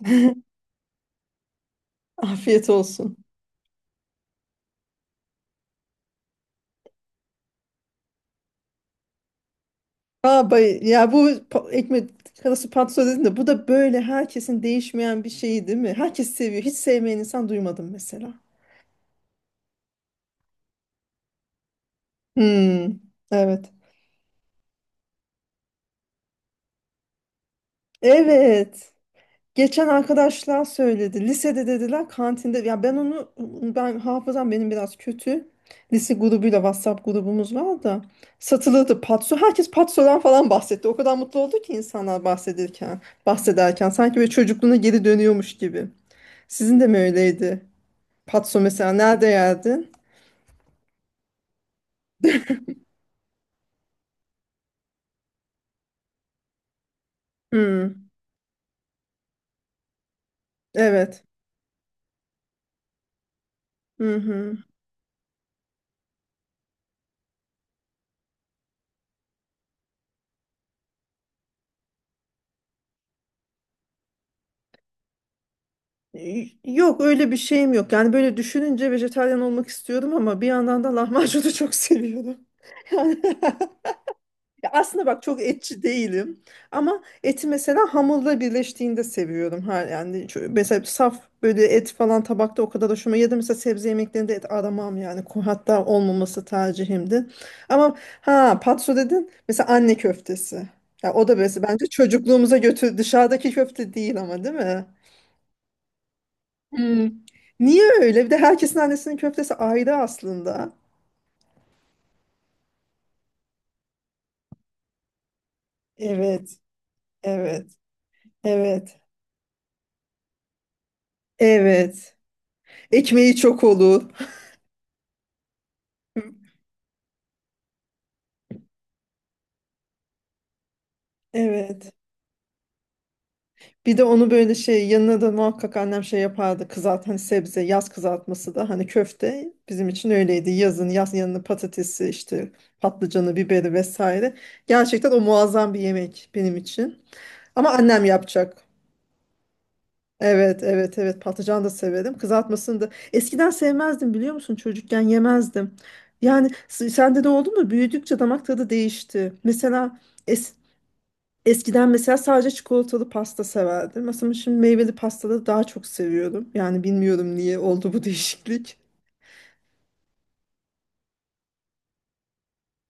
Afiyet olsun. Aa, bay ya bu ekmek arası patso dedim de bu da böyle herkesin değişmeyen bir şeyi değil mi? Herkes seviyor. Hiç sevmeyen insan duymadım mesela. Hmm, evet. Evet. Geçen arkadaşlar söyledi. Lisede dediler kantinde. Ya ben onu ben hafızam benim biraz kötü. Lise grubuyla WhatsApp grubumuz var da satılırdı patso. Herkes patsodan falan bahsetti. O kadar mutlu oldu ki insanlar bahsederken, bahsederken sanki böyle çocukluğuna geri dönüyormuş gibi. Sizin de mi öyleydi? Patso mesela nerede yerdin? Hmm, evet. Hı hı. Yok öyle bir şeyim yok. Yani böyle düşününce vejetaryen olmak istiyordum ama bir yandan da lahmacunu çok seviyorum. Yani ya aslında bak çok etçi değilim ama eti mesela hamurla birleştiğinde seviyorum. Ha, yani mesela saf böyle et falan tabakta o kadar hoşuma ya da mesela sebze yemeklerinde et aramam yani hatta olmaması tercihimdi. Ama ha patso dedin mesela anne köftesi. Ya o da mesela bence çocukluğumuza götür dışarıdaki köfte değil ama değil mi? Hmm. Niye öyle? Bir de herkesin annesinin köftesi ayrı aslında. Evet, evet, evet, evet. Ekmeği çok olur. Evet. Bir de onu böyle şey yanına da muhakkak annem şey yapardı kızart hani sebze yaz kızartması da hani köfte bizim için öyleydi yazın yaz yanına patatesi işte patlıcanı biberi vesaire gerçekten o muazzam bir yemek benim için ama annem yapacak evet evet evet patlıcan da severim kızartmasını da eskiden sevmezdim biliyor musun çocukken yemezdim yani sende de oldu mu büyüdükçe damak tadı değişti mesela es eskiden mesela sadece çikolatalı pasta severdim. Mesela şimdi meyveli pastaları daha çok seviyorum. Yani bilmiyorum niye oldu bu değişiklik.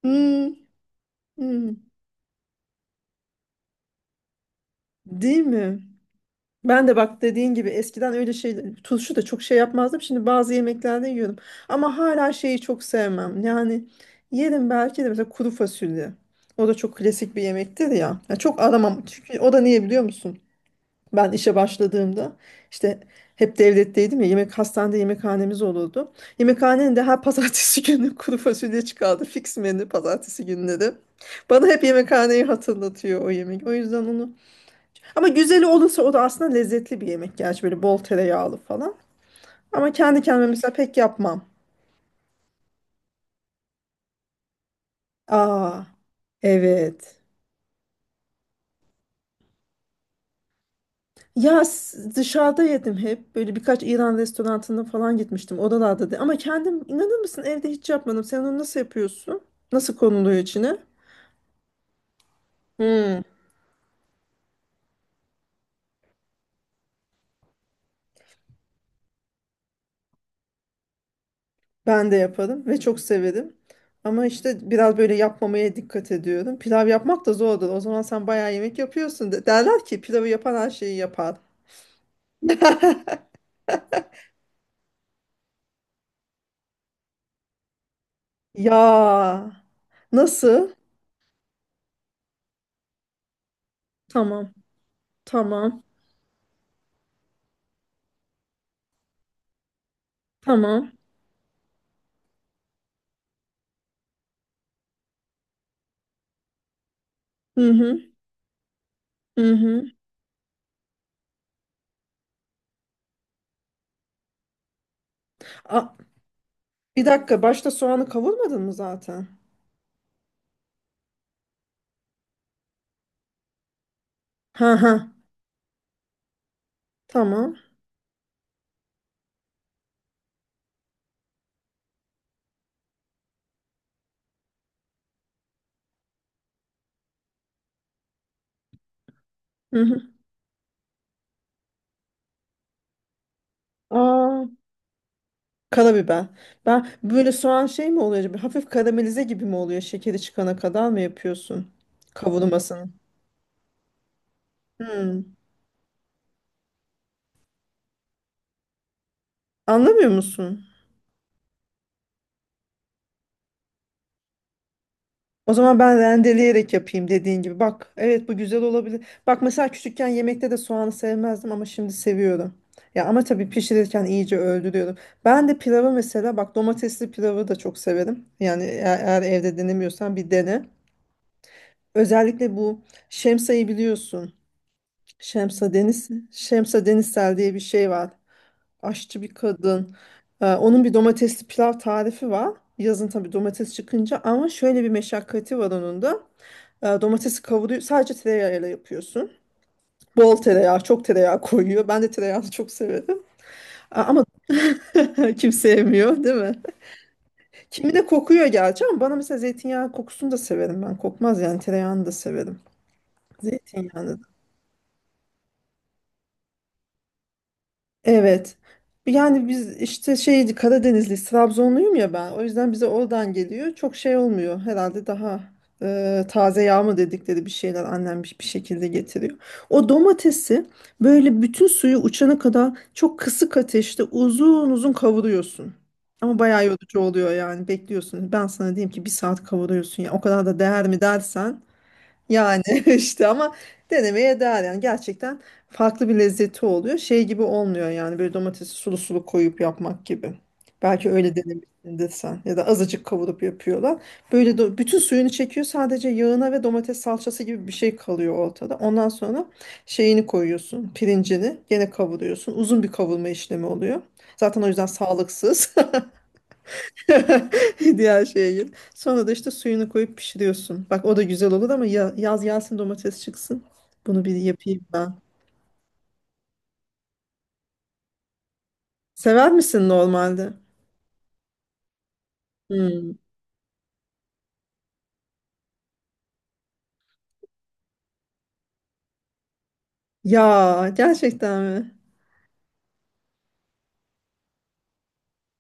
Hmm, hmm. Değil mi? Ben de bak dediğin gibi eskiden öyle şey turşu da çok şey yapmazdım. Şimdi bazı yemeklerde yiyorum. Ama hala şeyi çok sevmem. Yani yerim belki de mesela kuru fasulye. O da çok klasik bir yemektir ya. Ya çok aramam. Çünkü o da niye biliyor musun? Ben işe başladığımda işte hep devletteydim ya yemek hastanede yemekhanemiz olurdu. Yemekhanenin de her pazartesi günü kuru fasulye çıkardı. Fix menü pazartesi günleri. Bana hep yemekhaneyi hatırlatıyor o yemek. O yüzden onu. Ama güzeli olursa o da aslında lezzetli bir yemek. Gerçi böyle bol tereyağlı falan. Ama kendi kendime mesela pek yapmam. Aa, evet. Ya dışarıda yedim hep. Böyle birkaç İran restoranına falan gitmiştim. Oralarda da. Ama kendim inanır mısın evde hiç yapmadım. Sen onu nasıl yapıyorsun? Nasıl konuluyor içine? Hmm, ben de yaparım ve çok severim. Ama işte biraz böyle yapmamaya dikkat ediyorum. Pilav yapmak da zordur. O zaman sen bayağı yemek yapıyorsun. De. Derler ki pilavı yapan her şeyi yapar. Ya nasıl? Tamam, tamam, tamam. Hı hı, hı hı. Aa, bir dakika başta soğanı kavurmadın mı zaten? Ha ha. Tamam. Hı hı. Aa, karabiber. Ben böyle soğan şey mi oluyor acaba? Hafif karamelize gibi mi oluyor? Şekeri çıkana kadar mı yapıyorsun? Kavurmasını. Hmm. Anlamıyor musun? O zaman ben rendeleyerek yapayım dediğin gibi. Bak, evet bu güzel olabilir. Bak mesela küçükken yemekte de soğanı sevmezdim ama şimdi seviyorum. Ya ama tabii pişirirken iyice öldürüyorum. Ben de pilavı mesela bak domatesli pilavı da çok severim. Yani eğer evde denemiyorsan bir dene. Özellikle bu Şemsa'yı biliyorsun. Şemsa Deniz, Şemsa Denizsel diye bir şey var. Aşçı bir kadın. Onun bir domatesli pilav tarifi var. Yazın tabii domates çıkınca ama şöyle bir meşakkati var onun da. Domatesi kavuruyor. Sadece tereyağıyla yapıyorsun. Bol tereyağı, çok tereyağı koyuyor. Ben de tereyağını çok severim. Ama kim sevmiyor, değil mi? Kimine kokuyor gerçi ama bana mesela zeytinyağı kokusunu da severim ben. Kokmaz yani tereyağını da severim. Zeytinyağını evet. Yani biz işte şeydi Karadenizli, Trabzonluyum ya ben. O yüzden bize oradan geliyor. Çok şey olmuyor. Herhalde daha taze yağ mı dedikleri bir şeyler annem bir şekilde getiriyor. O domatesi böyle bütün suyu uçana kadar çok kısık ateşte uzun uzun kavuruyorsun. Ama bayağı yorucu oluyor yani bekliyorsun. Ben sana diyeyim ki bir saat kavuruyorsun ya. O kadar da değer mi dersen yani işte ama denemeye değer yani gerçekten farklı bir lezzeti oluyor. Şey gibi olmuyor yani böyle domatesi sulu sulu koyup yapmak gibi. Belki öyle denemişsindir sen ya da azıcık kavurup yapıyorlar. Böyle bütün suyunu çekiyor sadece yağına ve domates salçası gibi bir şey kalıyor ortada. Ondan sonra şeyini koyuyorsun pirincini gene kavuruyorsun. Uzun bir kavurma işlemi oluyor. Zaten o yüzden sağlıksız. Diğer şeye gir. Sonra da işte suyunu koyup pişiriyorsun. Bak o da güzel olur ama ya, yaz gelsin domates çıksın. Bunu bir yapayım ben. Sever misin normalde? Hmm. Ya gerçekten mi?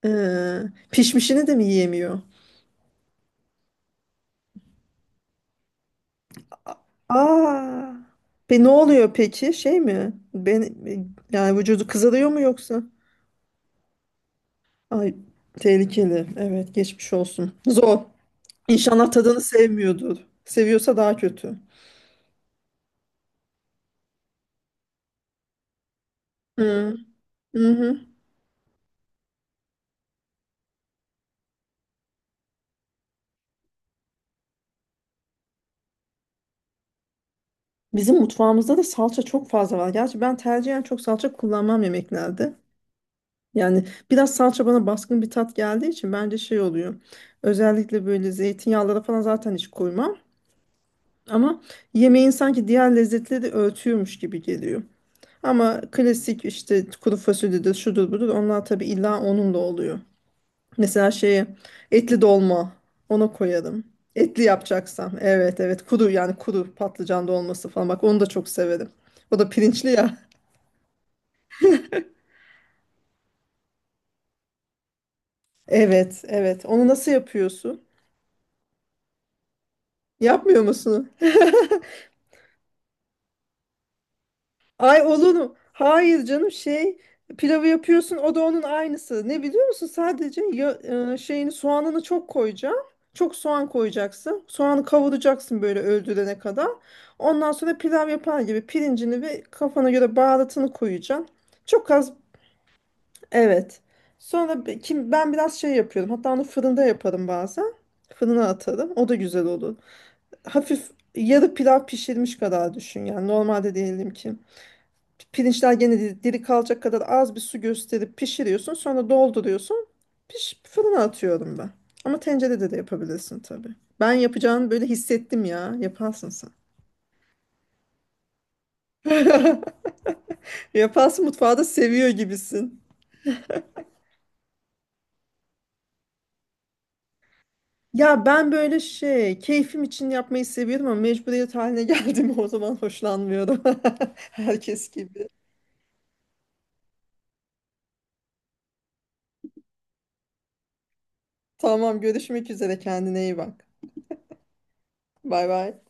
Ee, Pişmişini de mi yiyemiyor? A- Aa. Pe ne oluyor peki? Şey mi? Ben yani vücudu kızarıyor mu yoksa? Ay tehlikeli. Evet geçmiş olsun. Zor. İnşallah tadını sevmiyordur. Seviyorsa daha kötü. Hı. Hı hı. Bizim mutfağımızda da salça çok fazla var. Gerçi ben tercihen çok salça kullanmam yemeklerde. Yani biraz salça bana baskın bir tat geldiği için bence şey oluyor. Özellikle böyle zeytinyağları falan zaten hiç koymam. Ama yemeğin sanki diğer lezzetleri örtüyormuş gibi geliyor. Ama klasik işte kuru fasulyedir, şudur budur onlar tabii illa onunla oluyor. Mesela şeye etli dolma ona koyarım. Etli yapacaksam evet evet kuru yani kuru patlıcan dolması falan bak onu da çok severim. O da pirinçli ya. Evet, evet. Onu nasıl yapıyorsun? Yapmıyor musun? Ay olunu. Hayır canım şey pilavı yapıyorsun o da onun aynısı. Ne biliyor musun? Sadece şeyini soğanını çok koyacaksın. Çok soğan koyacaksın. Soğanı kavuracaksın böyle öldürene kadar. Ondan sonra pilav yapar gibi pirincini ve kafana göre baharatını koyacaksın. Çok az evet. Sonra kim ben biraz şey yapıyorum. Hatta onu fırında yaparım bazen. Fırına atarım. O da güzel olur. Hafif yarı pilav pişirmiş kadar düşün yani normalde diyelim ki pirinçler gene diri kalacak kadar az bir su gösterip pişiriyorsun sonra dolduruyorsun piş fırına atıyorum ben ama tencerede de yapabilirsin tabii ben yapacağını böyle hissettim ya yaparsın sen yaparsın mutfağı da seviyor gibisin ya ben böyle şey keyfim için yapmayı seviyorum ama mecburiyet haline geldim o zaman hoşlanmıyorum herkes gibi tamam görüşmek üzere kendine iyi bak bay bay